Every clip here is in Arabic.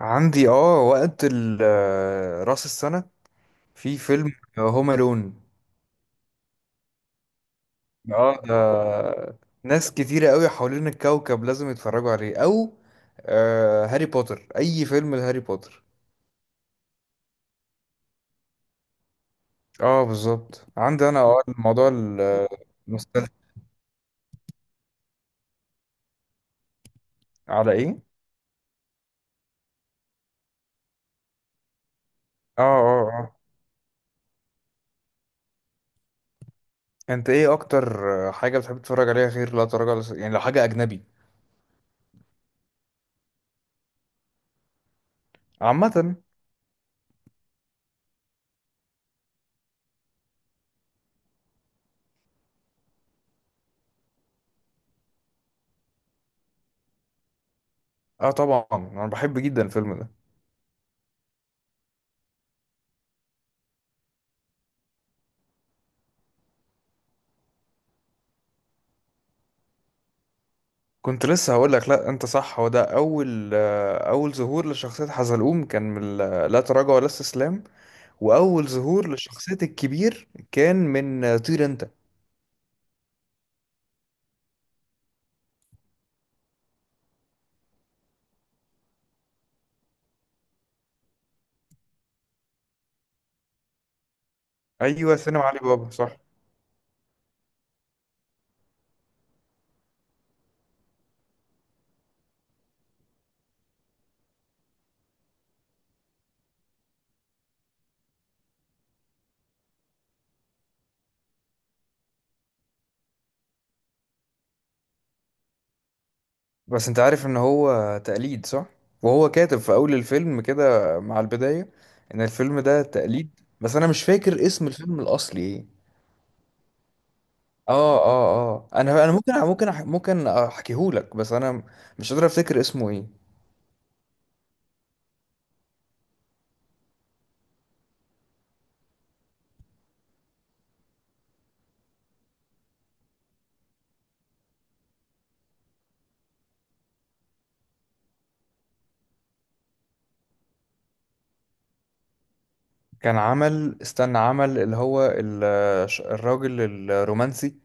عندي وقت راس السنة. في فيلم هوم الون. اه، ده ناس كتيرة قوي حوالين الكوكب لازم يتفرجوا عليه، او هاري بوتر، اي فيلم لهاري بوتر. اه، بالظبط. عندي انا الموضوع المستلزم. على ايه؟ اه، اه، اه، انت ايه اكتر حاجة بتحب تتفرج عليها غير لا تراجع ولا يعني لو حاجة اجنبي عامة؟ اه، طبعا انا بحب جدا الفيلم ده. كنت لسه هقول لك، لا انت صح، هو ده اول اول ظهور لشخصيه حزلقوم كان من لا تراجع ولا استسلام. واول ظهور لشخصيه الكبير كان من طير انت. ايوه، سينما علي بابا، صح. بس انت عارف ان هو تقليد، صح، وهو كاتب في اول الفيلم كده مع البدايه ان الفيلم ده تقليد، بس انا مش فاكر اسم الفيلم الاصلي ايه. اه، اه، اه، انا ممكن احكيهولك، بس انا مش قادر افتكر اسمه ايه. كان عمل، استنى، عمل اللي هو الراجل الرومانسي.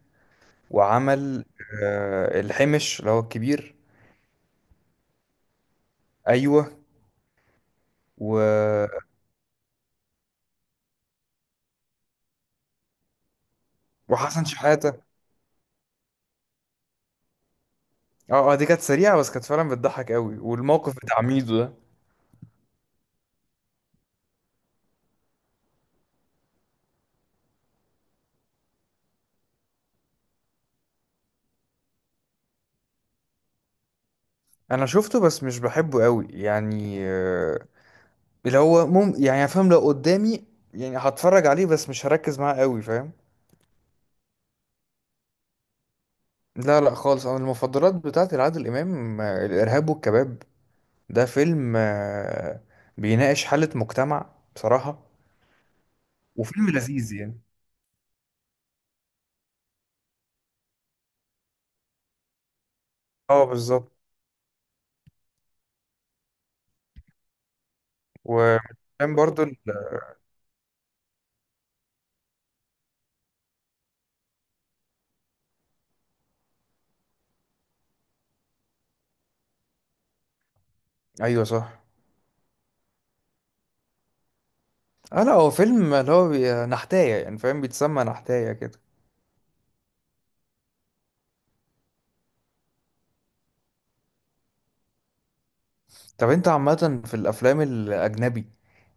وعمل الحمش اللي هو الكبير. ايوه و... وحسن شحاتة. اه، اه، دي كانت سريعة بس كانت فعلا بتضحك قوي، والموقف بتاع ميدو ده. انا شفته بس مش بحبه قوي، يعني اللي هو يعني فاهم، لو قدامي يعني هتفرج عليه بس مش هركز معاه قوي، فاهم. لا، لا، خالص، انا المفضلات بتاعتي لعادل امام الارهاب والكباب. ده فيلم بيناقش حالة مجتمع بصراحة. وفيلم لذيذ يعني. اه، بالظبط. وكان برضو. ايوه، صح. اه، لا، هو فيلم اللي هو نحتاية، يعني فاهم، بيتسمى نحتاية كده. طب انت عامة في الافلام الاجنبي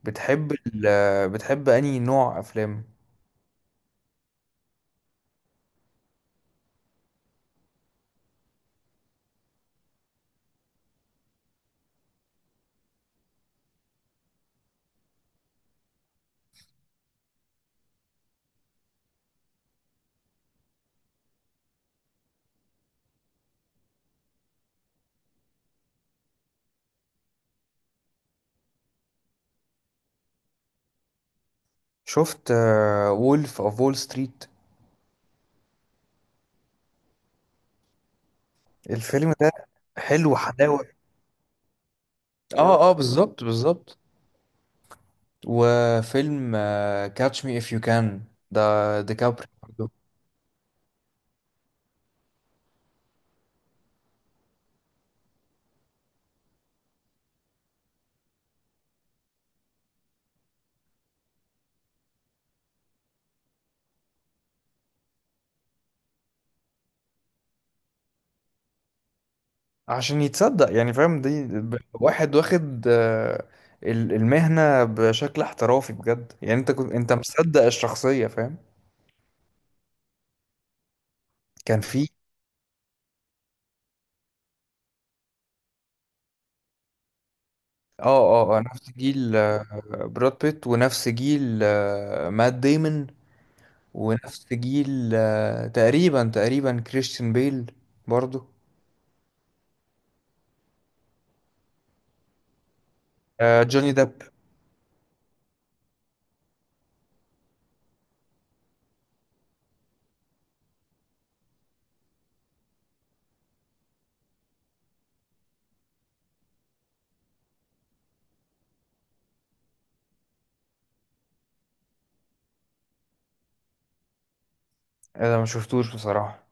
بتحب انهي نوع افلام؟ شفت وولف اوف وول ستريت؟ الفيلم ده حلو حلاوة. اه، اه، بالظبط، بالظبط. وفيلم كاتش مي اف يو كان، ده ديكابري. عشان يتصدق، يعني فاهم، دي واحد واخد المهنة بشكل احترافي بجد، يعني انت كنت انت مصدق الشخصية، فاهم. كان في. اه، اه، نفس جيل براد بيت، ونفس جيل مات ديمون، ونفس جيل تقريبا تقريبا كريستيان بيل برضو. جوني ديب. انا ما شفتوش بصراحة.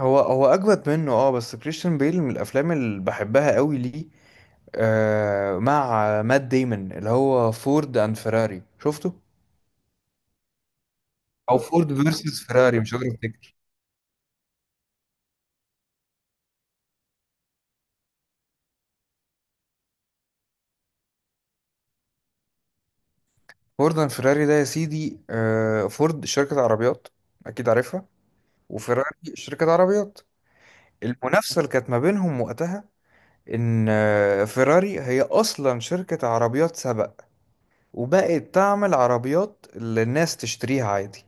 هو هو اجمد منه، اه، بس كريستيان بيل من الافلام اللي بحبها قوي ليه مع مات ديمون اللي هو فورد اند فيراري، شفته؟ او فورد فيرسس فيراري، مش قادر افتكر. فورد اند فيراري ده، يا سيدي فورد شركة عربيات، اكيد عارفها. وفيراري شركة عربيات. المنافسة اللي كانت ما بينهم وقتها، ان فيراري هي اصلا شركة عربيات سباق، وبقت تعمل عربيات اللي الناس تشتريها عادي.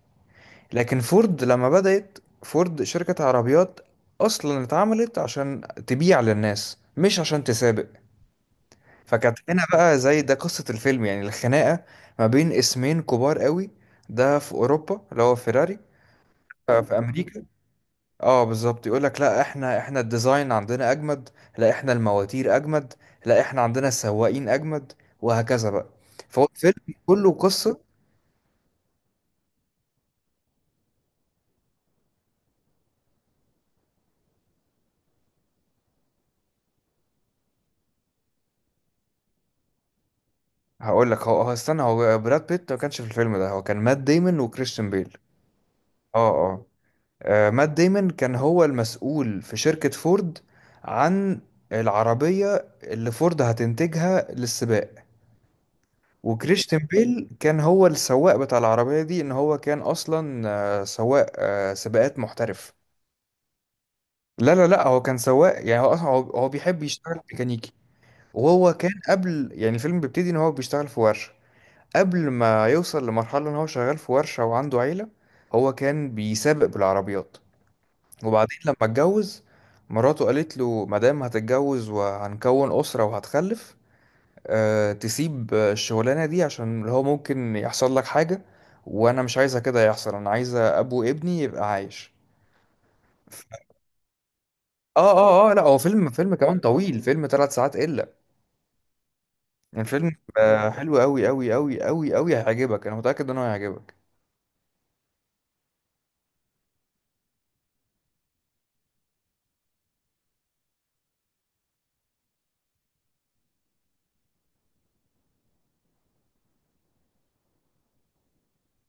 لكن فورد، لما بدأت فورد شركة عربيات، اصلا اتعملت عشان تبيع للناس مش عشان تسابق. فكانت هنا بقى، زي ده قصة الفيلم، يعني الخناقة ما بين اسمين كبار قوي، ده في أوروبا اللي هو فيراري، في أمريكا. اه، بالظبط، يقول لك لا، احنا الديزاين عندنا أجمد. لا، احنا المواتير أجمد. لا، احنا عندنا السواقين أجمد. وهكذا بقى. فهو الفيلم كله قصة. هقول لك، هو هو استنى، هو براد بيت ما كانش في الفيلم ده، هو كان مات ديمون وكريستيان بيل. اه، اه، مات ديمون كان هو المسؤول في شركة فورد عن العربية اللي فورد هتنتجها للسباق. وكريستيان بيل كان هو السواق بتاع العربية دي، ان هو كان اصلا سواق سباقات محترف. لا، لا، لا، هو كان سواق، يعني هو اصلا هو هو بيحب يشتغل ميكانيكي. وهو كان قبل، يعني الفيلم بيبتدي ان هو بيشتغل في ورشة، قبل ما يوصل لمرحلة ان هو شغال في ورشة وعنده عيلة، هو كان بيسابق بالعربيات. وبعدين لما اتجوز، مراته قالت له مادام هتتجوز وهنكون أسرة وهتخلف، أه تسيب الشغلانة دي عشان اللي هو ممكن يحصل لك حاجة، وأنا مش عايزة كده يحصل، أنا عايزة أبو ابني يبقى عايش. اه، اه، اه، لا هو فيلم، فيلم كمان طويل، فيلم 3 ساعات الا. الفيلم حلو قوي قوي قوي قوي قوي، هيعجبك، انا متاكد ان هو هيعجبك.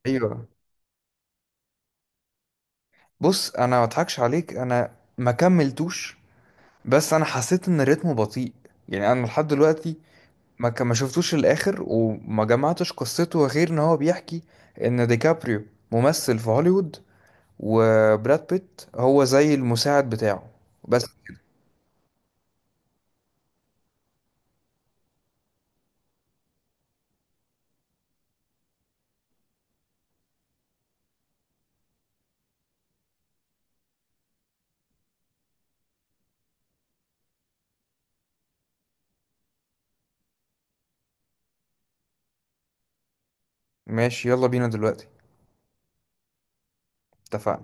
ايوه، بص انا ما اضحكش عليك، انا ما كملتوش، بس انا حسيت ان الريتم بطيء. يعني انا لحد دلوقتي ما شفتوش الاخر وما جمعتش قصته، غير ان هو بيحكي ان ديكابريو ممثل في هوليوود، وبراد بيت هو زي المساعد بتاعه، بس. ماشي، يلا بينا دلوقتي. اتفقنا.